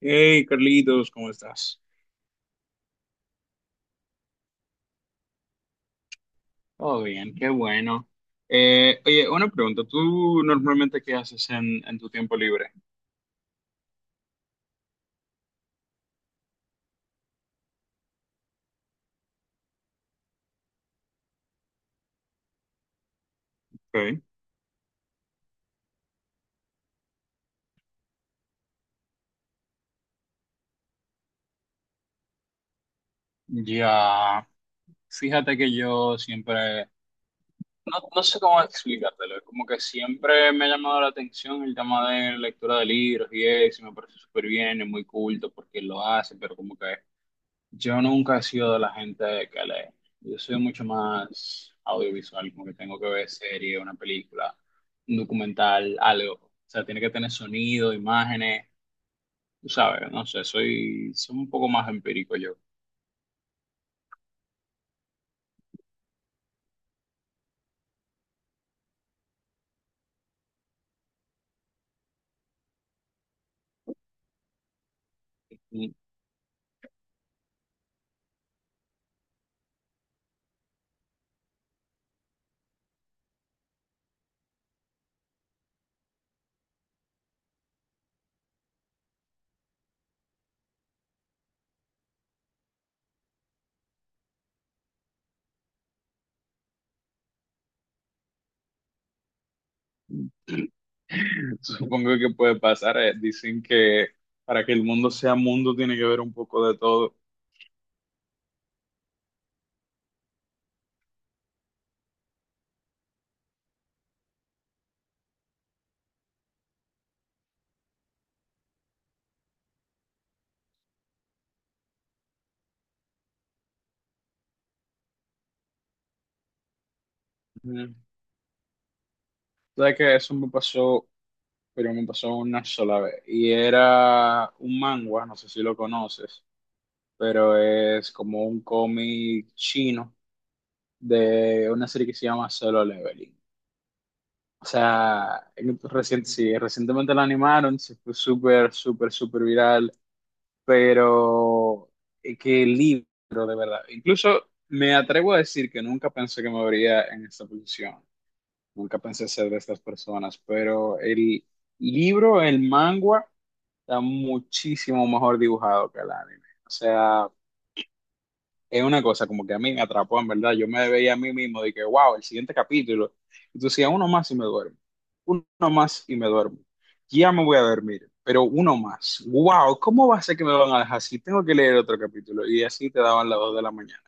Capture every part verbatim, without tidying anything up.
Hey, Carlitos, ¿cómo estás? Todo bien, qué bueno. Eh, oye, una pregunta. ¿Tú normalmente qué haces en, en tu tiempo libre? Ok. Ya, fíjate que yo siempre, no, no sé cómo explicártelo, es como que siempre me ha llamado la atención el tema de lectura de libros y eso, y me parece súper bien, es muy culto porque lo hace, pero como que. Yo nunca he sido de la gente que lee. Yo soy mucho más audiovisual, como que tengo que ver serie, una película, un documental, algo. O sea, tiene que tener sonido, imágenes, tú sabes, no sé, soy, soy un poco más empírico yo. Supongo que puede pasar. eh, Dicen que para que el mundo sea mundo tiene que ver un poco de todo. Ujú. ¿Sabes que eso me pasó, pero me pasó una sola vez? Y era un manga, no sé si lo conoces. Pero es como un cómic chino de una serie que se llama Solo Leveling. O sea, en- recien- sí, recientemente la animaron, se fue súper, súper, súper viral, pero eh, qué libro, de verdad. Incluso me atrevo a decir que nunca pensé que me vería en esta posición, nunca pensé ser de estas personas, pero el libro, el manga, está muchísimo mejor dibujado que el anime. O sea, es una cosa como que a mí me atrapó, en verdad. Yo me veía a mí mismo de que, wow, el siguiente capítulo. Entonces decía, uno más y me duermo. Uno más y me duermo. Ya me voy a dormir, pero uno más. Wow, ¿cómo va a ser que me van a dejar así? Tengo que leer otro capítulo. Y así te daban las dos de la mañana.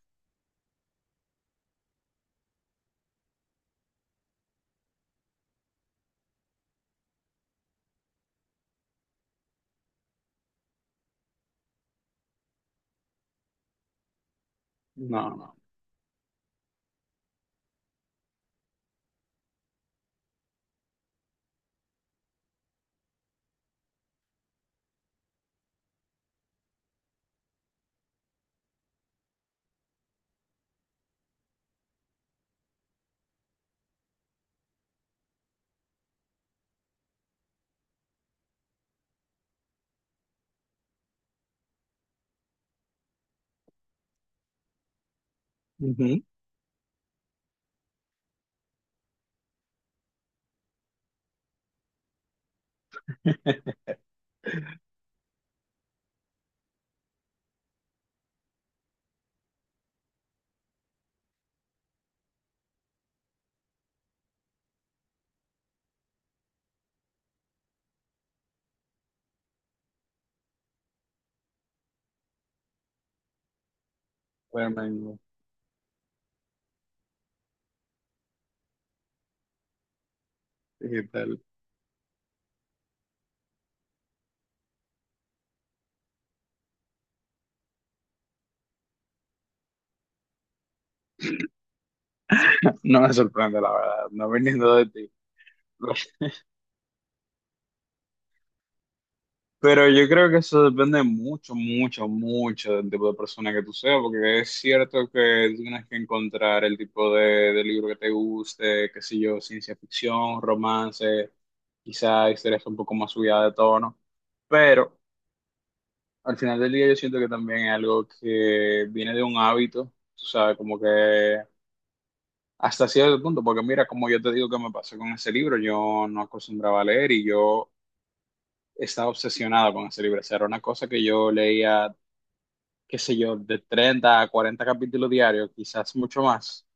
No, no. Ujú. Bueno, ¿qué tal? No me sorprende, la verdad, no viniendo de ti. Pero yo creo que eso depende mucho, mucho, mucho del tipo de persona que tú seas, porque es cierto que tú tienes que encontrar el tipo de, de libro que te guste, qué sé yo, ciencia ficción, romance, quizá historias un poco más subidas de tono, pero al final del día yo siento que también es algo que viene de un hábito, tú sabes, como que hasta cierto punto, porque mira, como yo te digo que me pasó con ese libro, yo no acostumbraba a leer y yo estaba obsesionado con ese libro. O sea, era una cosa que yo leía, qué sé yo, de treinta a cuarenta capítulos diarios, quizás mucho más,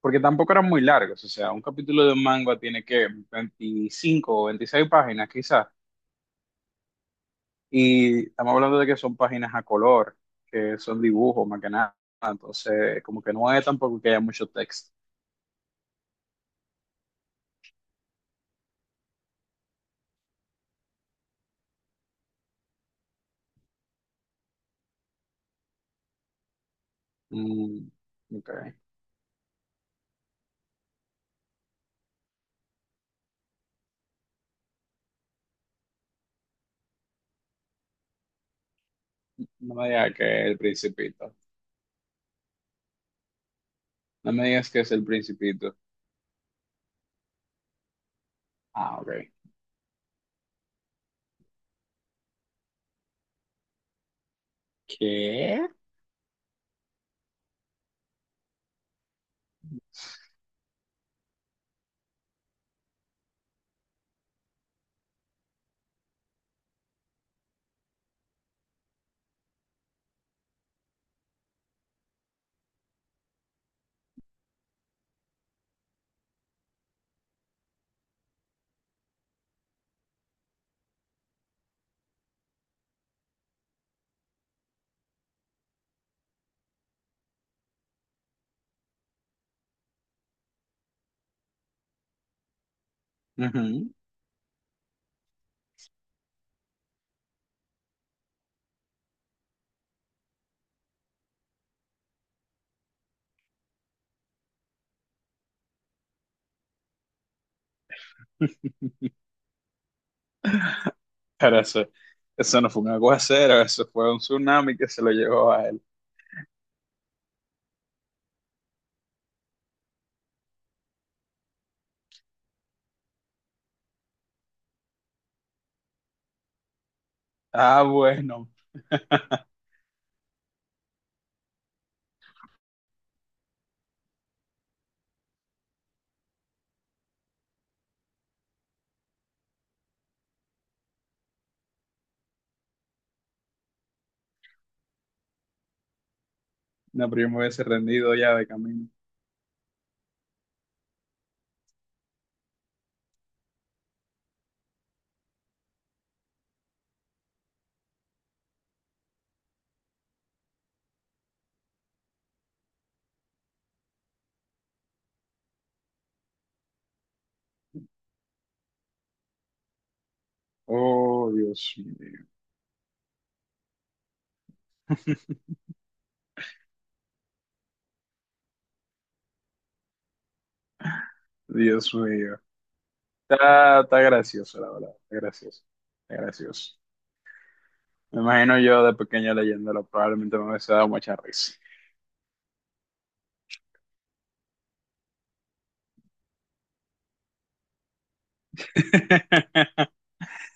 porque tampoco eran muy largos. O sea, un capítulo de un manga tiene que veinticinco o veintiséis páginas quizás, y estamos hablando de que son páginas a color, que son dibujos más que nada, entonces como que no es tampoco que haya mucho texto. Mm, ok. No me digas que es el Principito, no me digas que es el Principito. Ah, ok. ¿Qué? Ujú. Pero eso, eso no fue un aguacero, eso fue un tsunami que se lo llevó a él. Ah, bueno. No, pero yo me hubiese rendido ya de camino. Oh, Dios mío. Dios mío. Está, está gracioso, la verdad. Está gracioso. Está gracioso. Me imagino yo de pequeño leyéndolo, probablemente me hubiese dado mucha risa.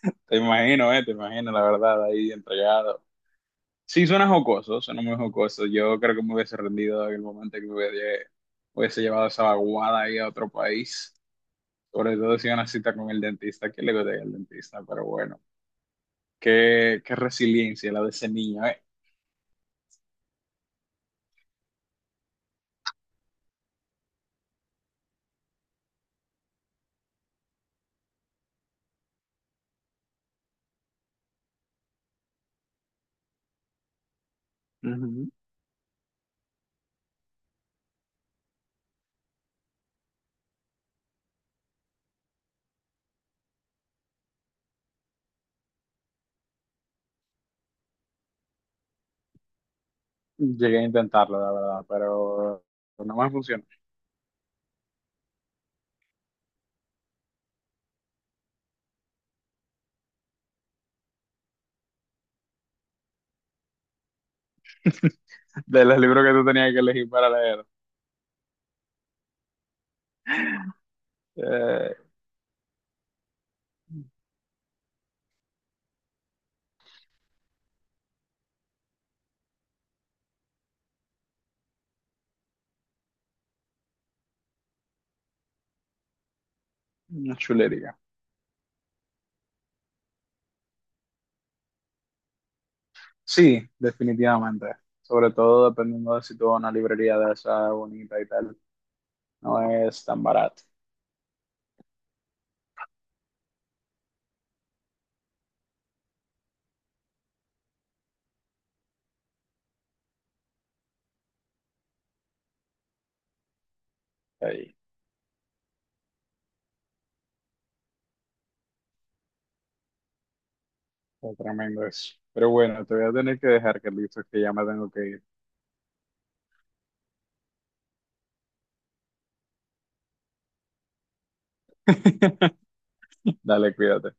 Te imagino, eh, te imagino, la verdad, ahí entregado. Sí, suena jocoso, suena muy jocoso. Yo creo que me hubiese rendido en el momento que me hubiese, hubiese llevado esa vaguada ahí a otro país. Sobre todo si una cita con el dentista, que le gustaría el dentista, pero bueno, qué, qué resiliencia la de ese niño, ¿eh? Ujú. Llegué a intentarlo, la verdad, pero no me funcionó. De los libros que tú tenías que elegir para leer. Eh, una chulería. Sí, definitivamente. Sobre todo dependiendo de si tú vas a una librería de esa bonita y tal. No es tan barato. Ahí, está tremendo eso. Pero bueno, te voy a tener que dejar, Carlitos, que ya me tengo que ir. Dale, cuídate.